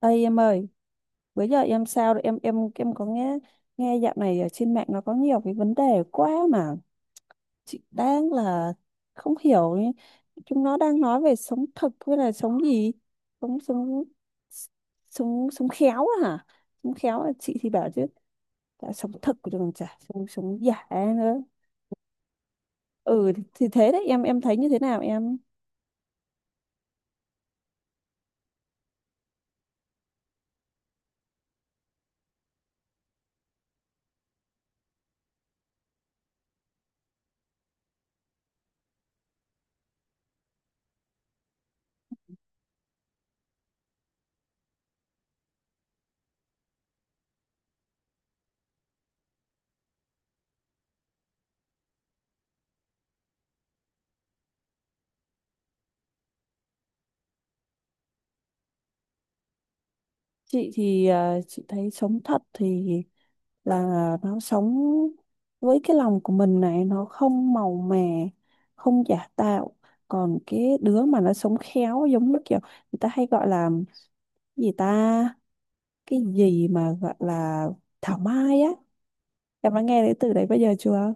Ê em ơi, bữa giờ em sao rồi? Em có nghe nghe dạo này ở trên mạng nó có nhiều cái vấn đề quá mà chị đang là không hiểu ý. Chúng nó đang nói về sống thực với là sống gì? Sống sống sống sống khéo á hả? Sống khéo là chị thì bảo chứ đã sống thực của còn chả sống sống giả nữa. Ừ thì thế đấy em thấy như thế nào em? Chị thì chị thấy sống thật thì là nó sống với cái lòng của mình này, nó không màu mè, không giả tạo. Còn cái đứa mà nó sống khéo giống như kiểu người ta hay gọi là gì ta, cái gì mà gọi là thảo mai á, em đã nghe đến từ đấy bây giờ chưa?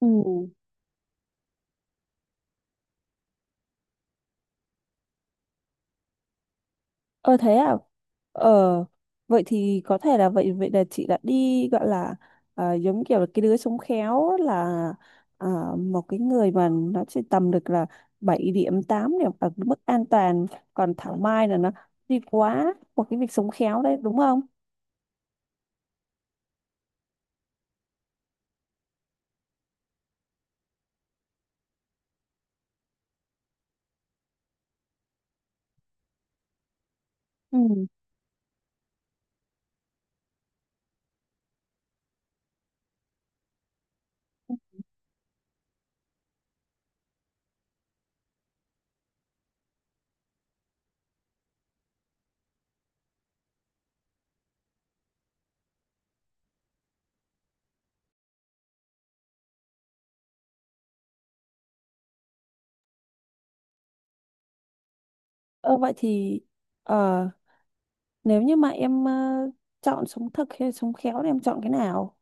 Ừ. Ờ thế à? Ờ vậy thì có thể là vậy vậy là chị đã đi gọi là, à, giống kiểu là cái đứa sống khéo á, là à, một cái người mà nó sẽ tầm được là 7 điểm 8 điểm ở mức an toàn, còn Thảo Mai là nó đi quá một cái việc sống khéo đấy đúng không? Ừ. Ờ vậy thì ờ, nếu như mà em chọn sống thực hay sống khéo thì em chọn cái nào?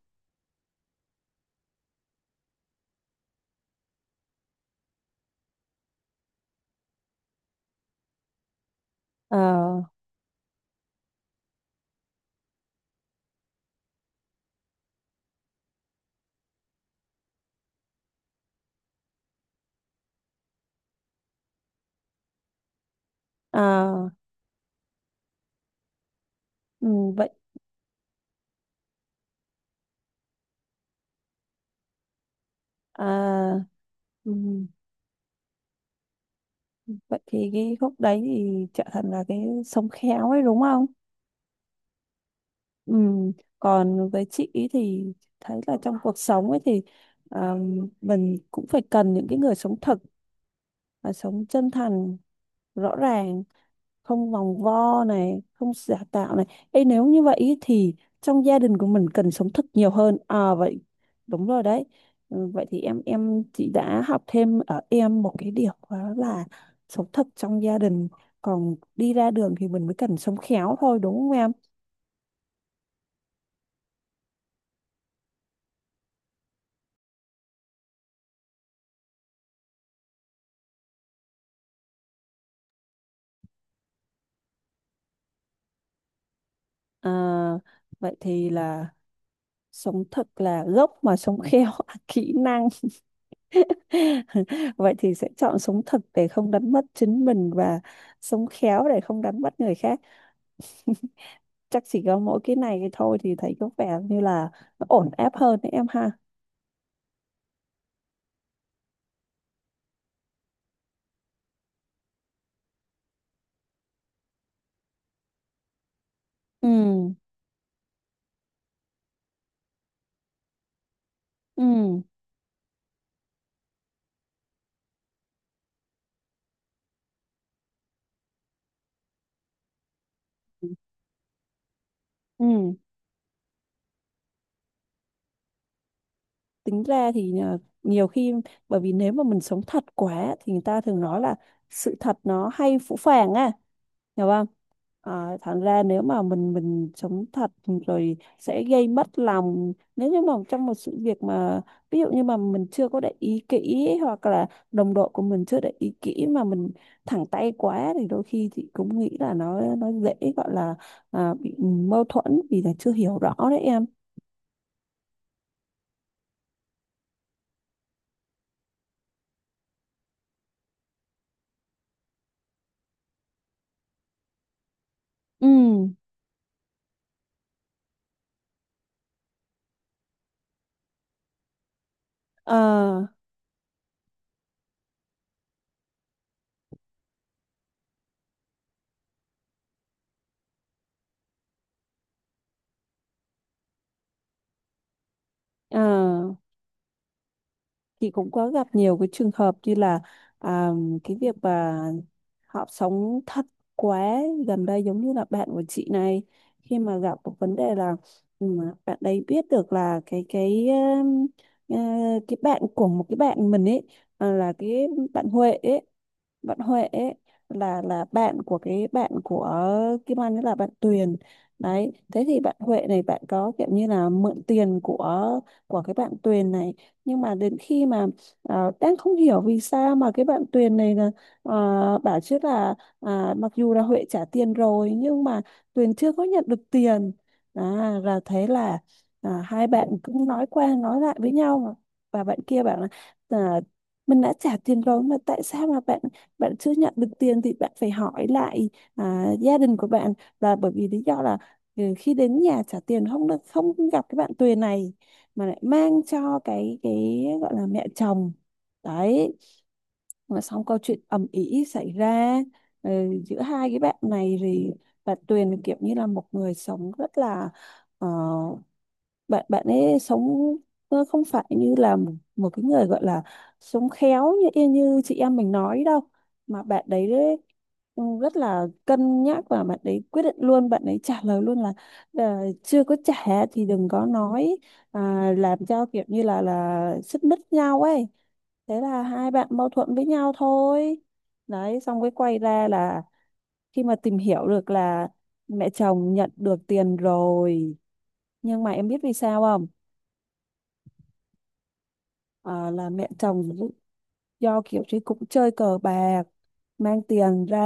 Ờ. À. Ừ. Vậy. À. Ừ. Vậy thì cái khúc đấy thì trở thành là cái sống khéo ấy đúng không? Ừ. Còn với chị ý thì thấy là trong cuộc sống ấy thì à, mình cũng phải cần những cái người sống thật và sống chân thành, rõ ràng, không vòng vo này, không giả tạo này. Ê, nếu như vậy ý thì trong gia đình của mình cần sống thật nhiều hơn à? Vậy đúng rồi đấy. Ừ, vậy thì em chị đã học thêm ở em một cái điều đó là sống thật trong gia đình, còn đi ra đường thì mình mới cần sống khéo thôi đúng không em? À, vậy thì là sống thật là gốc mà sống khéo là kỹ năng. Vậy thì sẽ chọn sống thật để không đánh mất chính mình và sống khéo để không đánh mất người khác. Chắc chỉ có mỗi cái này cái thôi thì thấy có vẻ như là nó ổn áp hơn đấy em ha. Ừ. Ừ. Ừ. Tính ra thì à, nhiều khi bởi vì nếu mà mình sống thật quá thì người ta thường nói là sự thật nó hay phũ phàng á, hiểu không? À, thành ra nếu mà mình sống thật rồi sẽ gây mất lòng nếu như mà trong một sự việc mà ví dụ như mà mình chưa có để ý kỹ hoặc là đồng đội của mình chưa để ý kỹ mà mình thẳng tay quá thì đôi khi chị cũng nghĩ là nó dễ gọi là, à, bị mâu thuẫn vì là chưa hiểu rõ đấy em. Ừ. À, chị cũng có gặp nhiều cái trường hợp như là, à, cái việc mà họ sống thật quá. Gần đây giống như là bạn của chị này, khi mà gặp một vấn đề là, ừ, bạn đấy biết được là cái ờ, cái bạn của một cái bạn mình ấy, à, là cái bạn Huệ ấy bạn Huệ ấy là bạn của cái bạn của Kim Anh ấy, là bạn Tuyền. Đấy thế thì bạn Huệ này bạn có kiểu như là mượn tiền của cái bạn Tuyền này. Nhưng mà đến khi mà đang không hiểu vì sao mà cái bạn Tuyền này là bảo chứ là, à, mặc dù là Huệ trả tiền rồi nhưng mà Tuyền chưa có nhận được tiền. À, là thế là, à, hai bạn cũng nói qua nói lại với nhau mà. Và bạn kia bảo là, à, mình đã trả tiền rồi mà tại sao mà bạn bạn chưa nhận được tiền thì bạn phải hỏi lại, à, gia đình của bạn là bởi vì lý do là, ừ, khi đến nhà trả tiền không được, không gặp cái bạn Tuyền này mà lại mang cho cái gọi là mẹ chồng đấy. Mà xong câu chuyện ầm ĩ xảy ra, ừ, giữa hai cái bạn này thì bà Tuyền kiểu như là một người sống rất là ờ, bạn bạn ấy sống không phải như là một cái người gọi là sống khéo như như chị em mình nói đâu. Mà bạn đấy, rất là cân nhắc và bạn đấy quyết định luôn, bạn ấy trả lời luôn là, chưa có trả thì đừng có nói, à, làm cho kiểu như là xích mích nhau ấy. Thế là hai bạn mâu thuẫn với nhau thôi đấy, xong cái quay ra là khi mà tìm hiểu được là mẹ chồng nhận được tiền rồi. Nhưng mà em biết vì sao không? Ờ, là mẹ chồng do kiểu chứ cũng chơi cờ bạc, mang tiền ra,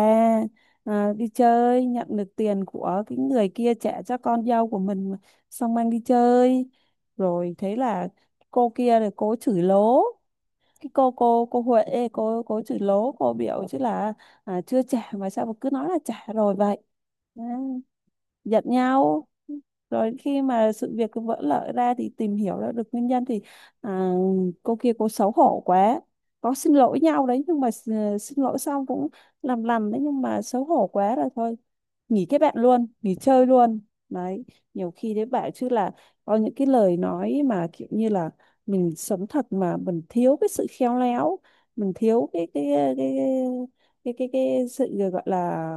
à, đi chơi nhận được tiền của cái người kia trả cho con dâu của mình mà, xong mang đi chơi rồi. Thế là cô kia rồi cô chửi lố cái cô Huệ ấy, cô chửi lố, cô biểu chứ là, à, chưa trả mà sao mà cứ nói là trả rồi vậy, giận nhau. Rồi khi mà sự việc cứ vỡ lở ra thì tìm hiểu ra được nguyên nhân thì, à, cô kia cô xấu hổ quá, có xin lỗi nhau đấy nhưng mà xin lỗi xong cũng làm lầm đấy, nhưng mà xấu hổ quá rồi thôi, nghỉ kết bạn luôn, nghỉ chơi luôn đấy. Nhiều khi đấy bảo chứ là có những cái lời nói mà kiểu như là mình sống thật mà mình thiếu cái sự khéo léo, mình thiếu cái cái cái sự gọi là,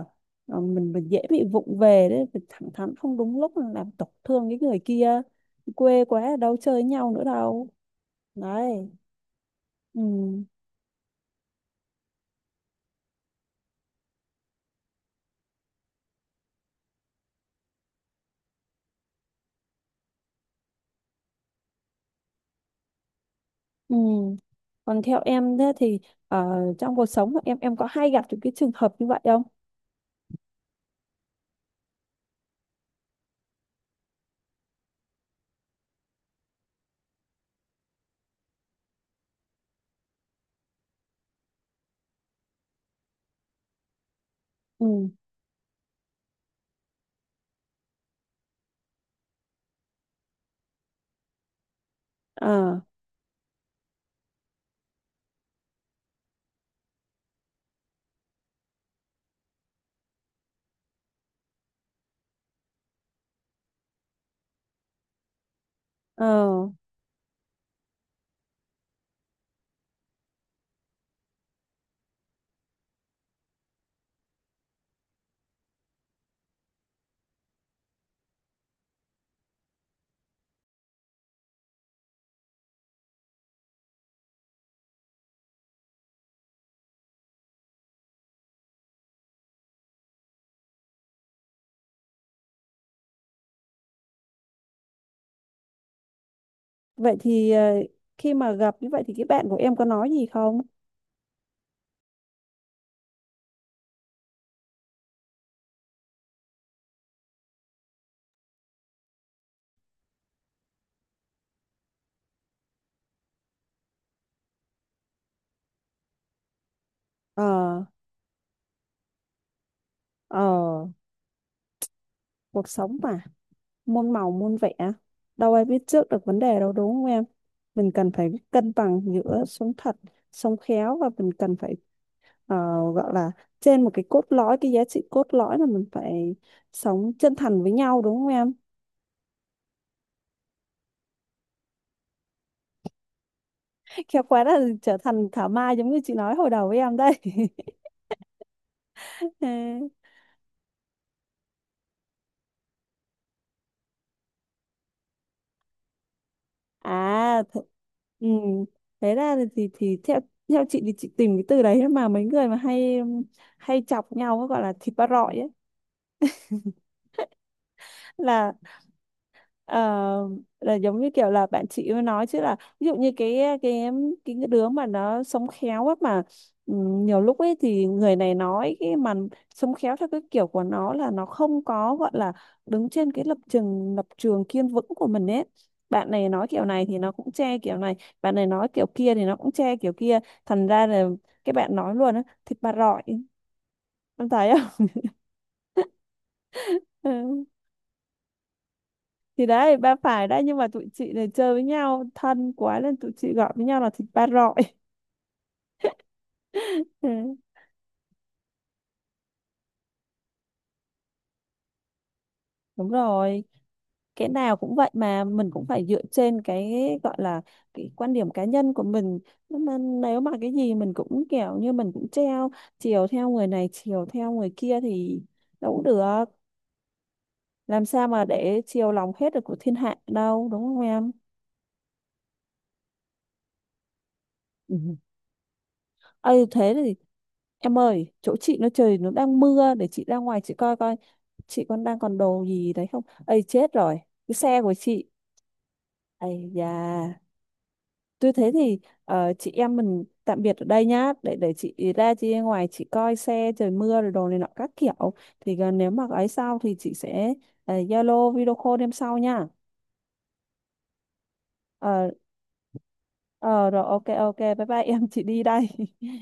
Mình dễ bị vụng về đấy, mình thẳng thắn không đúng lúc là làm tổn thương cái người kia, quê quá đâu chơi với nhau nữa đâu đấy. Ừ. Ừ. Còn theo em thế thì ờ, trong cuộc sống của em có hay gặp những cái trường hợp như vậy không? Ừ. À. Ờ. Vậy thì khi mà gặp như vậy thì cái bạn của em có nói gì không? ờ ờ Cuộc sống mà, môn màu môn vẽ, đâu ai biết trước được vấn đề đâu đúng không em? Mình cần phải cân bằng giữa sống thật, sống khéo và mình cần phải ờ, gọi là trên một cái cốt lõi, cái giá trị cốt lõi là mình phải sống chân thành với nhau đúng không em? Khéo quá là trở thành thảo mai giống như chị nói hồi đầu với em đây. à th- ừ. Thế ra thì theo theo chị thì chị tìm cái từ đấy mà mấy người mà hay hay chọc nhau gọi là thịt ba rọi ấy. Là ờ, là giống như kiểu là bạn chị mới nói chứ là ví dụ như cái đứa mà nó sống khéo á mà, ừ, nhiều lúc ấy thì người này nói cái mà sống khéo theo cái kiểu của nó là nó không có gọi là đứng trên cái lập trường kiên vững của mình ấy. Bạn này nói kiểu này thì nó cũng che kiểu này, bạn này nói kiểu kia thì nó cũng che kiểu kia, thành ra là cái bạn nói luôn á thịt bà rọi, em thấy. Không. Thì đấy ba phải đấy nhưng mà tụi chị này chơi với nhau thân quá nên tụi chị gọi với nhau là thịt ba rọi. Ừ, đúng rồi, cái nào cũng vậy mà mình cũng phải dựa trên cái gọi là cái quan điểm cá nhân của mình, nhưng mà nếu mà cái gì mình cũng kiểu như mình cũng treo, chiều theo người này chiều theo người kia thì đâu cũng được, làm sao mà để chiều lòng hết được của thiên hạ đâu đúng không em? Ừ. Ừ thế thì em ơi, chỗ chị nó trời nó đang mưa, để chị ra ngoài chị coi coi chị còn đang còn đồ gì đấy không ấy, chết rồi cái xe của chị ấy da. Tôi thế thì chị em mình tạm biệt ở đây nhá, để chị ra ngoài chị coi xe trời mưa rồi đồ này nọ các kiểu, thì gần nếu mà ấy sau thì chị sẽ Zalo video call em sau nha. Ờ, ờ rồi, ok ok, bye bye em chị đi đây.